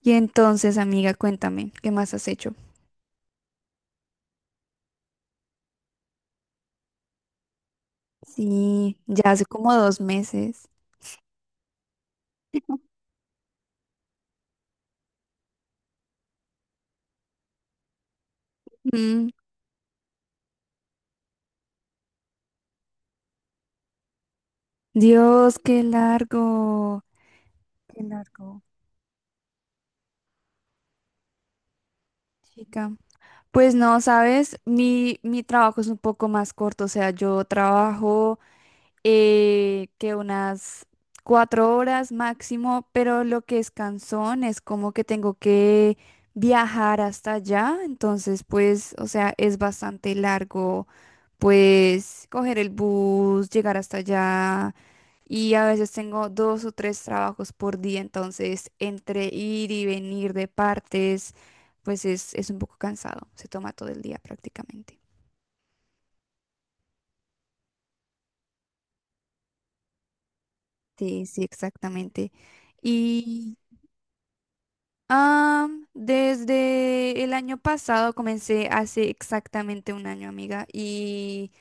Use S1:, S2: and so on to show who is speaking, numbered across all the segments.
S1: Y entonces, amiga, cuéntame, ¿qué más has hecho? Sí, ya hace como dos meses. Mm, Dios, qué largo, chica. Pues no, sabes, mi trabajo es un poco más corto, o sea, yo trabajo que unas cuatro horas máximo, pero lo que es cansón es como que tengo que viajar hasta allá, entonces pues, o sea, es bastante largo pues coger el bus, llegar hasta allá y a veces tengo dos o tres trabajos por día, entonces entre ir y venir de partes, pues es un poco cansado, se toma todo el día prácticamente. Sí, sí, exactamente. Y ah, desde el año pasado comencé hace exactamente un año, amiga, y...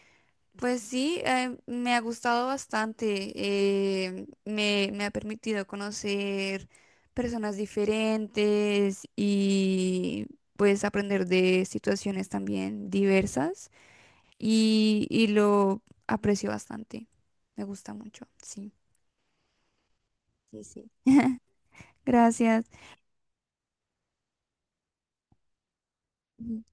S1: Pues sí, me ha gustado bastante. Me ha permitido conocer personas diferentes y pues aprender de situaciones también diversas y lo aprecio bastante. Me gusta mucho, sí. Sí, sí. Gracias. Ujú.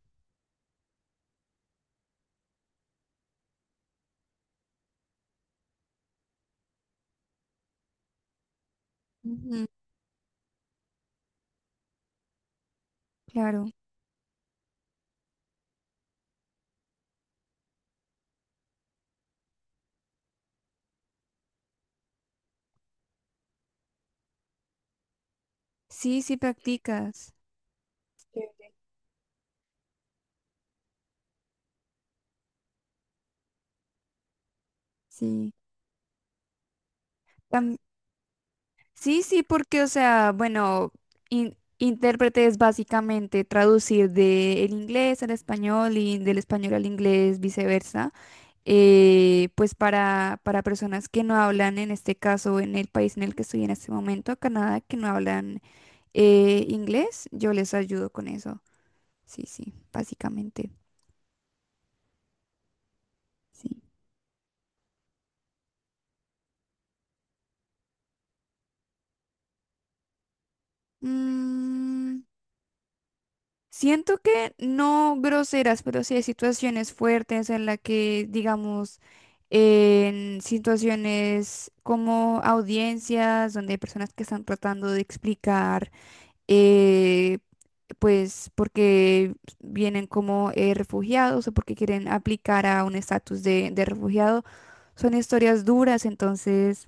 S1: Ujú. Claro. Sí, sí practicas. Chévere. Sí. Sí, sí, porque, o sea, bueno, intérprete es básicamente traducir del inglés al español y del español al inglés, viceversa. Pues para personas que no hablan, en este caso, en el país en el que estoy en este momento, Canadá, que no hablan inglés, yo les ayudo con eso. Sí, sí, básicamente, sí. Mm, Siento que no groseras, pero sí hay situaciones fuertes en las que, digamos, en situaciones como audiencias, donde hay personas que están tratando de explicar, eh, pues, porque vienen como refugiados o porque quieren aplicar a un estatus de refugiado, son historias duras, entonces,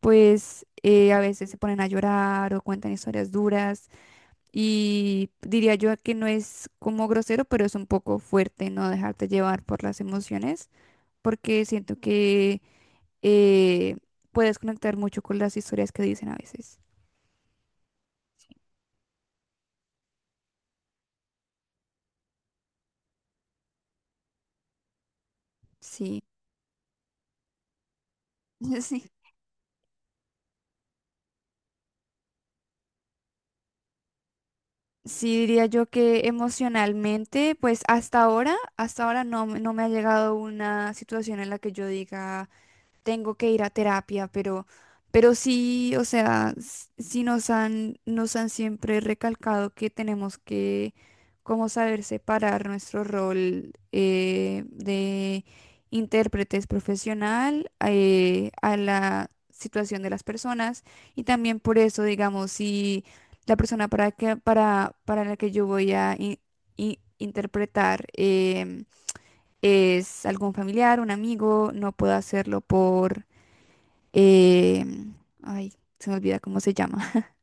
S1: pues, a veces se ponen a llorar o cuentan historias duras. Y diría yo que no es como grosero, pero es un poco fuerte no dejarte llevar por las emociones, porque siento que eh, puedes conectar mucho con las historias que dicen a veces. Sí, sí. Sí, diría yo que emocionalmente, pues hasta ahora no, no me ha llegado una situación en la que yo diga tengo que ir a terapia, pero sí, o sea, sí nos han siempre recalcado que tenemos que como saber separar nuestro rol de intérpretes profesional a la situación de las personas y también por eso, digamos, si la persona para la que yo voy a interpretar em, es algún familiar, un amigo, no puedo hacerlo por eh, ay, se me olvida cómo se llama.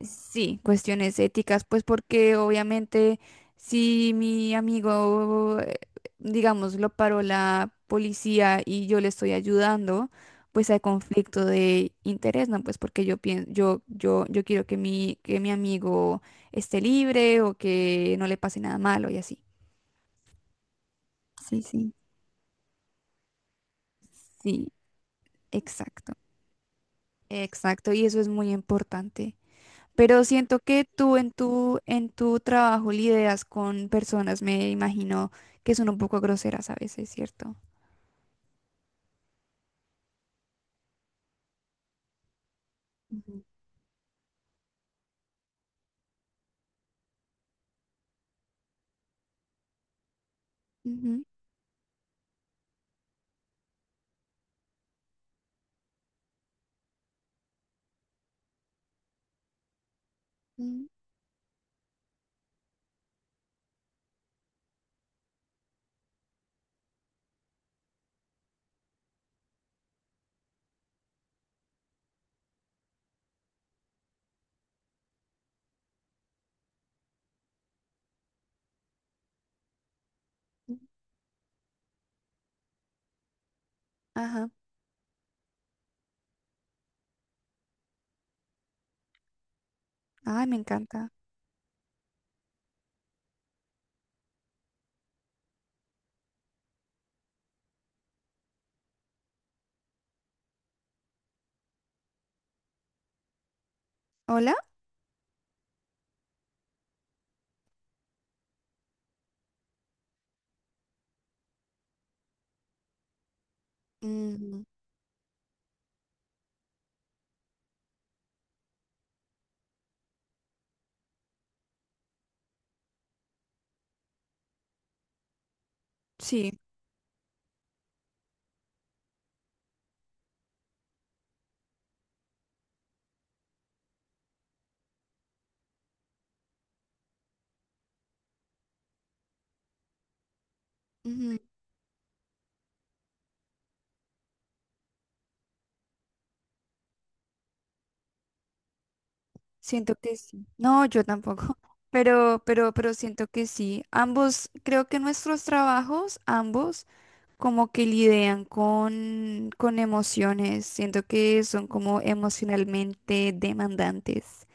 S1: Sí, cuestiones éticas, pues porque obviamente si mi amigo, digamos, lo paró la policía y yo le estoy ayudando, pues hay conflicto de interés, ¿no? Pues porque yo pienso, yo quiero que que mi amigo esté libre o que no le pase nada malo y así. Sí, sí. Sí, exacto, exacto. Y eso es muy importante. Pero siento que tú en en tu trabajo lidias con personas, me imagino que son un poco groseras a veces, ¿cierto? Ujú. Ujú. Mm. Mm. Ajá. Ay, me encanta. ¿Hola? Mm, sí. Ujú. Siento que sí. No, yo tampoco. Pero siento que sí. Ambos, creo que nuestros trabajos, ambos, como que lidian con emociones. Siento que son como emocionalmente demandantes.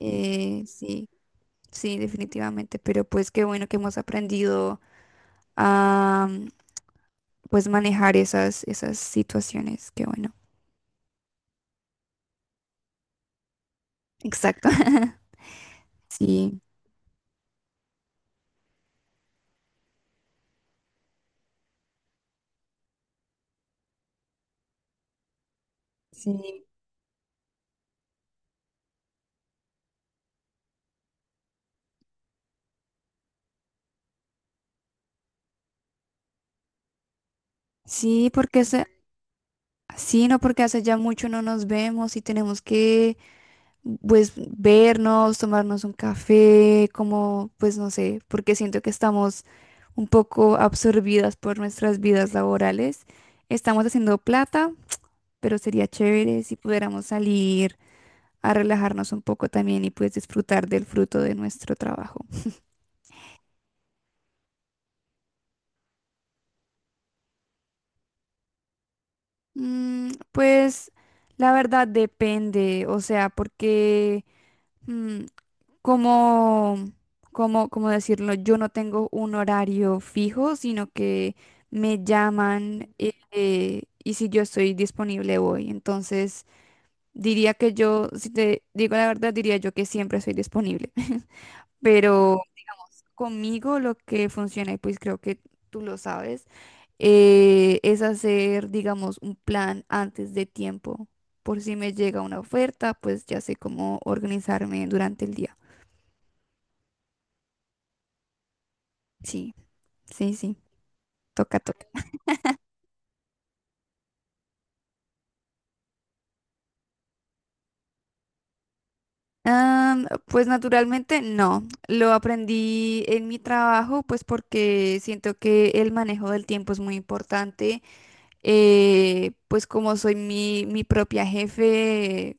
S1: Sí, sí, definitivamente. Pero pues qué bueno que hemos aprendido a pues manejar esas, esas situaciones. Qué bueno. Exacto. Sí, sí. Sí, porque hace, sí, no, porque hace ya mucho no nos vemos y tenemos que pues vernos, tomarnos un café, como pues no sé, porque siento que estamos un poco absorbidas por nuestras vidas laborales. Estamos haciendo plata pero sería chévere si pudiéramos salir a relajarnos un poco también y pues disfrutar del fruto de nuestro trabajo. Pues la verdad depende, o sea, porque mm, como, como decirlo, yo no tengo un horario fijo, sino que me llaman y si yo estoy disponible voy. Entonces diría que yo, si te digo la verdad, diría yo que siempre soy disponible. Pero conmigo lo que funciona, y pues creo que tú lo sabes, es hacer, digamos, un plan antes de tiempo. Por si me llega una oferta, pues ya sé cómo organizarme durante el día. Sí, sí, sí, toca, toca. Pues naturalmente no, lo aprendí en mi trabajo, pues porque siento que el manejo del tiempo es muy importante. Pues como soy mi propia jefe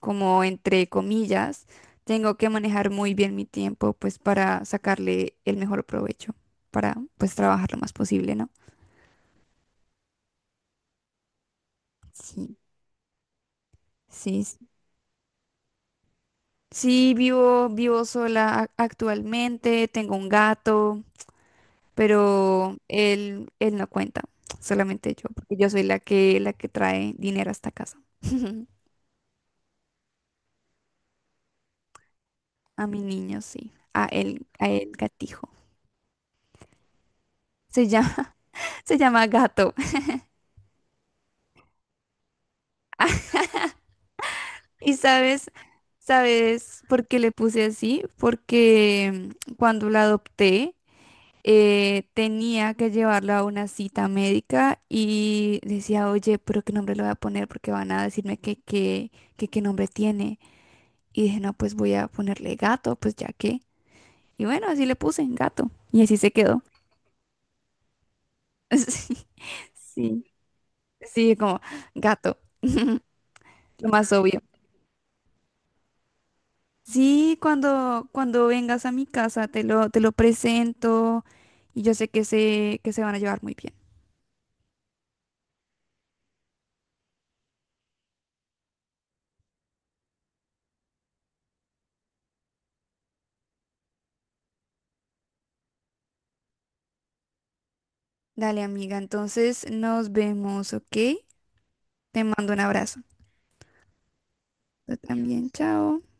S1: como entre comillas, tengo que manejar muy bien mi tiempo, pues para sacarle el mejor provecho, para pues trabajar lo más posible, ¿no? Sí, sí, sí, vivo sola actualmente, tengo un gato, pero él no cuenta, solamente yo, porque yo soy la que trae dinero a esta casa. A mi niño, sí, a él gatijo. Se llama, se llama gato. Y sabes, sabes por qué le puse así, porque cuando la adopté tenía que llevarla a una cita médica y decía, oye, pero qué nombre le voy a poner porque van a decirme que qué nombre tiene. Y dije, no, pues voy a ponerle gato, pues ya que. Y bueno, así le puse gato y así se quedó. Sí, sí, sí, como gato, lo más obvio. Sí, cuando, cuando vengas a mi casa te lo presento y yo sé que se van a llevar muy bien. Dale, amiga, entonces nos vemos, ¿ok? Te mando un abrazo. Tú también, chao.